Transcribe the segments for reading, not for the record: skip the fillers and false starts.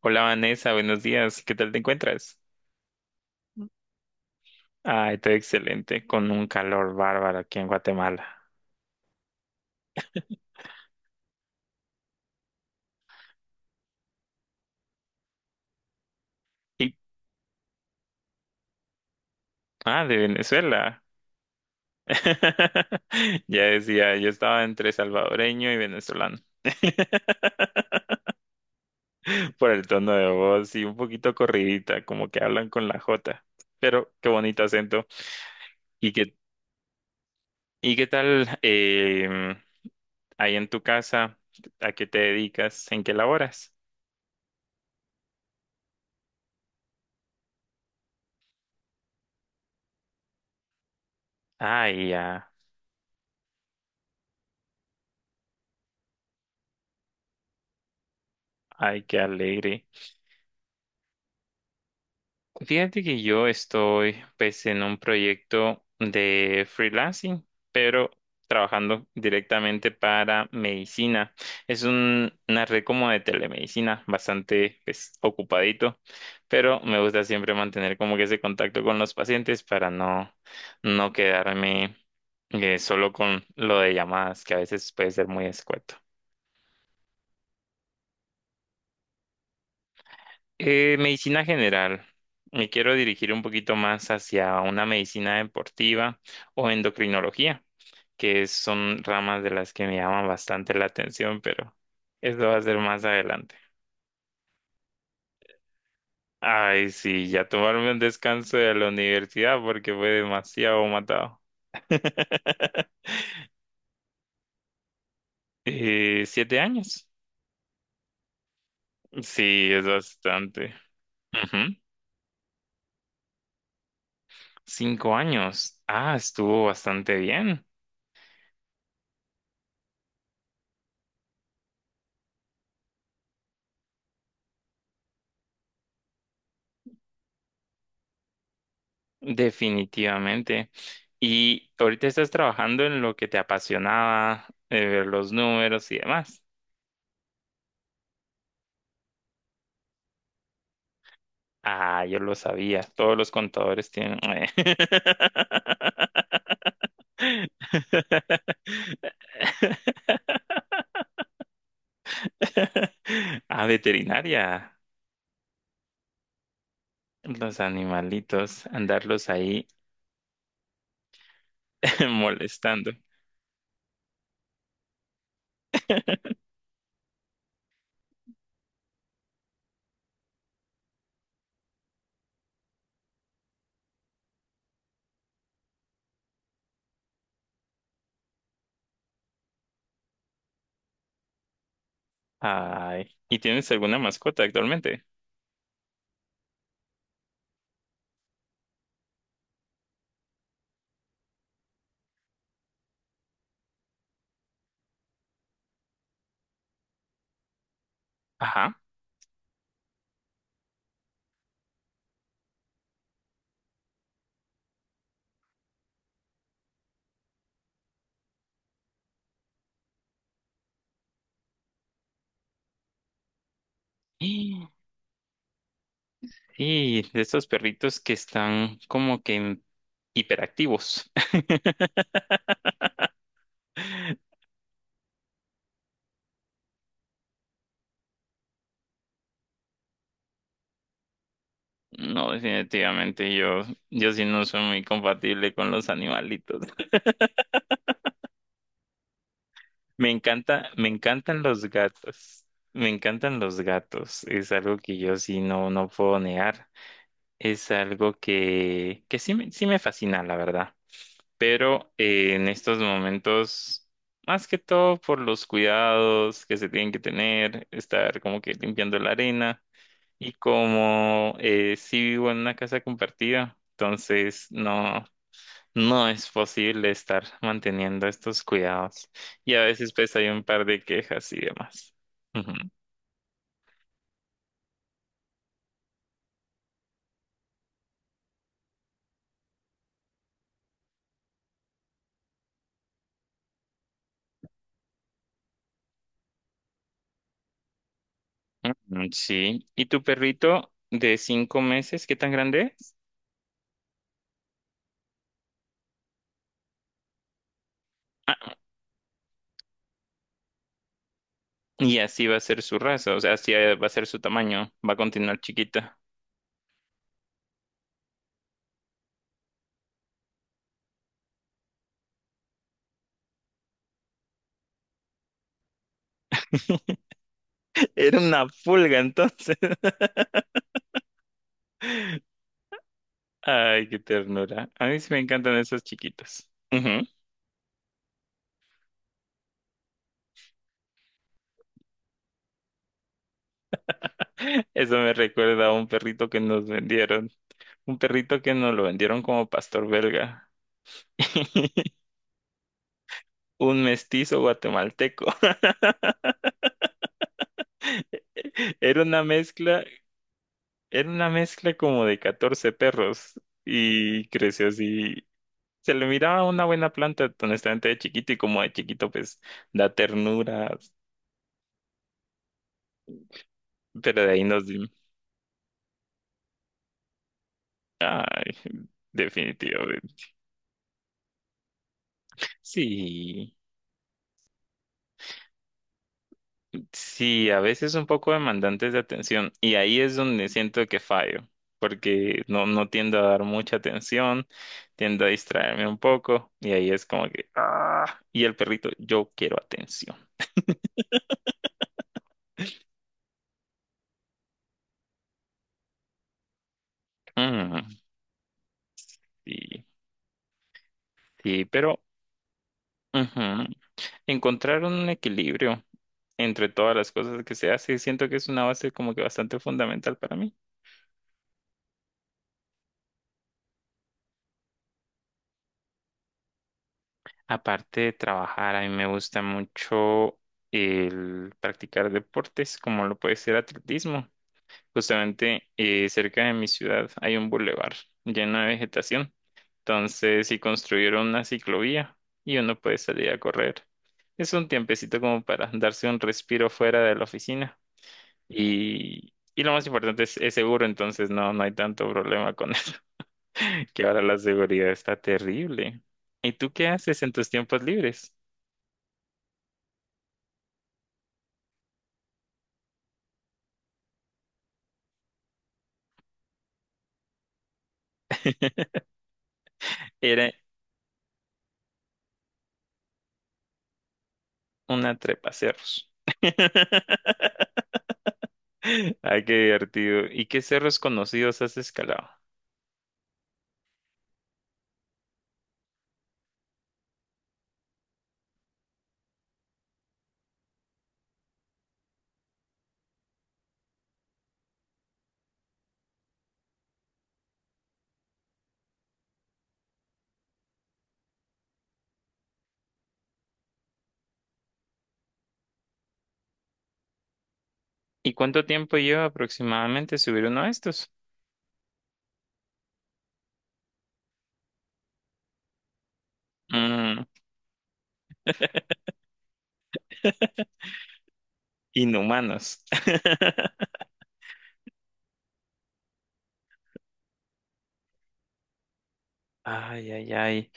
Hola Vanessa, buenos días. ¿Qué tal te encuentras? Ay, estoy excelente, con un calor bárbaro aquí en Guatemala. Y, ah, de Venezuela. Ya decía, yo estaba entre salvadoreño y venezolano. Por el tono de voz y un poquito corridita, como que hablan con la J. Pero qué bonito acento. ¿Y qué, y qué tal ahí en tu casa? ¿A qué te dedicas? ¿En qué laboras? Ay, ya. Ay, qué alegre. Fíjate que yo estoy pues en un proyecto de freelancing, pero trabajando directamente para medicina. Es una red como de telemedicina, bastante pues ocupadito, pero me gusta siempre mantener como que ese contacto con los pacientes para no, no quedarme solo con lo de llamadas, que a veces puede ser muy escueto. Medicina general. Me quiero dirigir un poquito más hacia una medicina deportiva o endocrinología, que son ramas de las que me llaman bastante la atención, pero eso va a ser más adelante. Ay, sí, ya tomarme un descanso de la universidad porque fue demasiado matado. 7 años. Sí, es bastante. Ujú. 5 años. Ah, estuvo bastante bien. Definitivamente. Y ahorita estás trabajando en lo que te apasionaba, ver los números y demás. Ah, yo lo sabía. Todos los contadores tienen. Ah, veterinaria. Los animalitos, andarlos ahí molestando. Ay, ¿y tienes alguna mascota actualmente? Ajá. Y de estos perritos que están como que hiperactivos. No, definitivamente yo sí no soy muy compatible con los animalitos. Me encanta, me encantan los gatos. Me encantan los gatos. Es algo que yo sí no, no puedo negar. Es algo que sí me fascina, la verdad. Pero en estos momentos, más que todo por los cuidados que se tienen que tener, estar como que limpiando la arena y como sí vivo en una casa compartida, entonces no, no es posible estar manteniendo estos cuidados y a veces pues hay un par de quejas y demás. Ujú. Mm, mm, sí, ¿y tu perrito de 5 meses, qué tan grande es? Ah, y así va a ser su raza, o sea, así va a ser su tamaño, va a continuar chiquita. Era una pulga entonces. Ay, qué ternura. A mí sí me encantan esos chiquitos. Ujú. Eso me recuerda a un perrito que nos vendieron. Un perrito que nos lo vendieron como pastor belga. Un mestizo guatemalteco. Era una mezcla, era una mezcla como de 14 perros y creció así. Se le miraba una buena planta, honestamente, de chiquito y como de chiquito, pues da ternura, pero de ahí ay, definitivamente. Sí, sí, a veces un poco demandantes de atención y ahí es donde siento que fallo, porque no, no tiendo a dar mucha atención, tiendo a distraerme un poco y ahí es como que, ah, y el perrito, yo quiero atención. Mm, sí, sí, pero ujú, encontrar un equilibrio entre todas las cosas que se hace, siento que es una base como que bastante fundamental para mí. Aparte de trabajar, a mí me gusta mucho el practicar deportes, como lo puede ser atletismo. Justamente cerca de mi ciudad hay un bulevar lleno de vegetación. Entonces, si construyeron una ciclovía y uno puede salir a correr. Es un tiempecito como para darse un respiro fuera de la oficina. Y lo más importante es seguro, entonces no, no hay tanto problema con eso, que ahora la seguridad está terrible. ¿Y tú qué haces en tus tiempos libres? Era una trepa cerros. Ah, qué divertido. ¿Y qué cerros conocidos has escalado? ¿Y cuánto tiempo lleva aproximadamente subir uno de estos? Mm, inhumanos. Ay, ay, ay.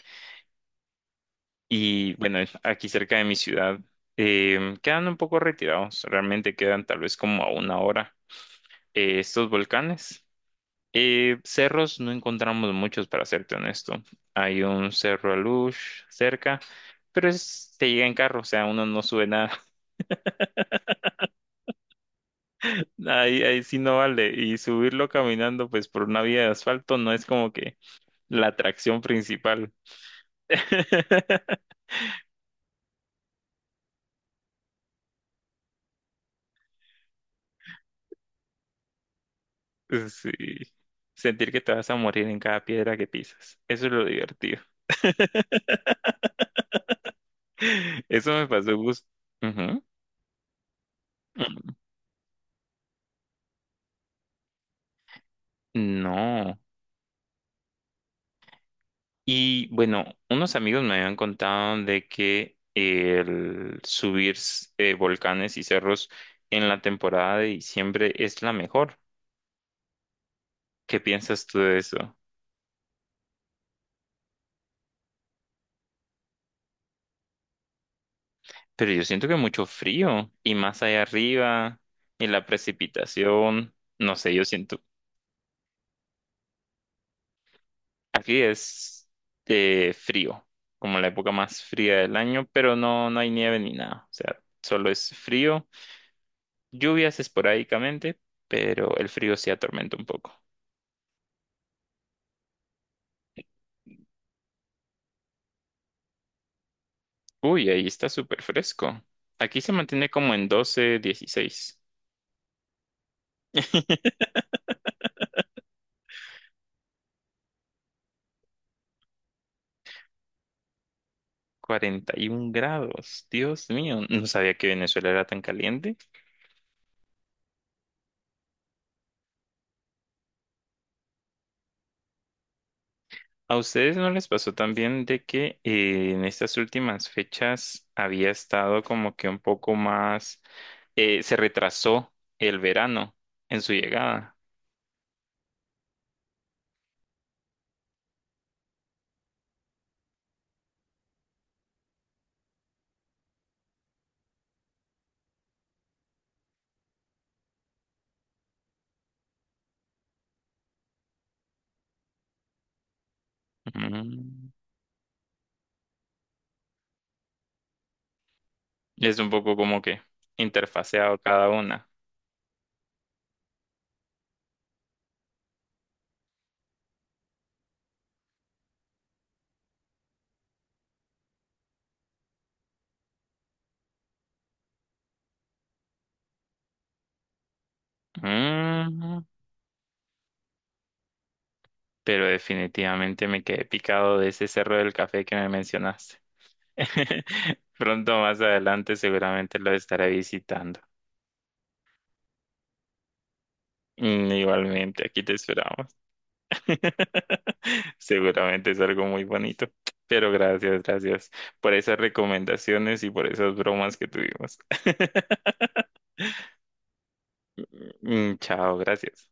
Y bueno, aquí cerca de mi ciudad quedan un poco retirados. Realmente quedan tal vez como a una hora estos volcanes. Y cerros no encontramos muchos, para serte honesto. Hay un cerro Alush cerca, pero es, te llega en carro, o sea, uno no sube nada. Ahí, ahí sí no vale. Y subirlo caminando, pues por una vía de asfalto, no es como que la atracción principal. Sí. Sentir que te vas a morir en cada piedra que pisas. Eso es lo divertido. Eso me pasó. No. Y bueno, unos amigos me habían contado de que el subir volcanes y cerros en la temporada de diciembre es la mejor. ¿Qué piensas tú de eso? Pero yo siento que mucho frío y más allá arriba y la precipitación, no sé, yo siento. Aquí es frío, como la época más fría del año, pero no, no hay nieve ni nada. O sea, solo es frío, lluvias esporádicamente, pero el frío sí atormenta un poco. Uy, ahí está súper fresco. Aquí se mantiene como en 12 16 41 grados. Dios mío, no sabía que Venezuela era tan caliente. ¿A ustedes no les pasó también de que en estas últimas fechas había estado como que un poco más, se retrasó el verano en su llegada? Mm. Es un poco como que interfaseado cada una. Mm. Pero definitivamente me quedé picado de ese cerro del café que me mencionaste. Pronto más adelante seguramente lo estaré visitando. Mm. Igualmente, aquí te esperamos. Seguramente es algo muy bonito, pero gracias, gracias por esas recomendaciones y por esas bromas que tuvimos. Mm. Chao, gracias.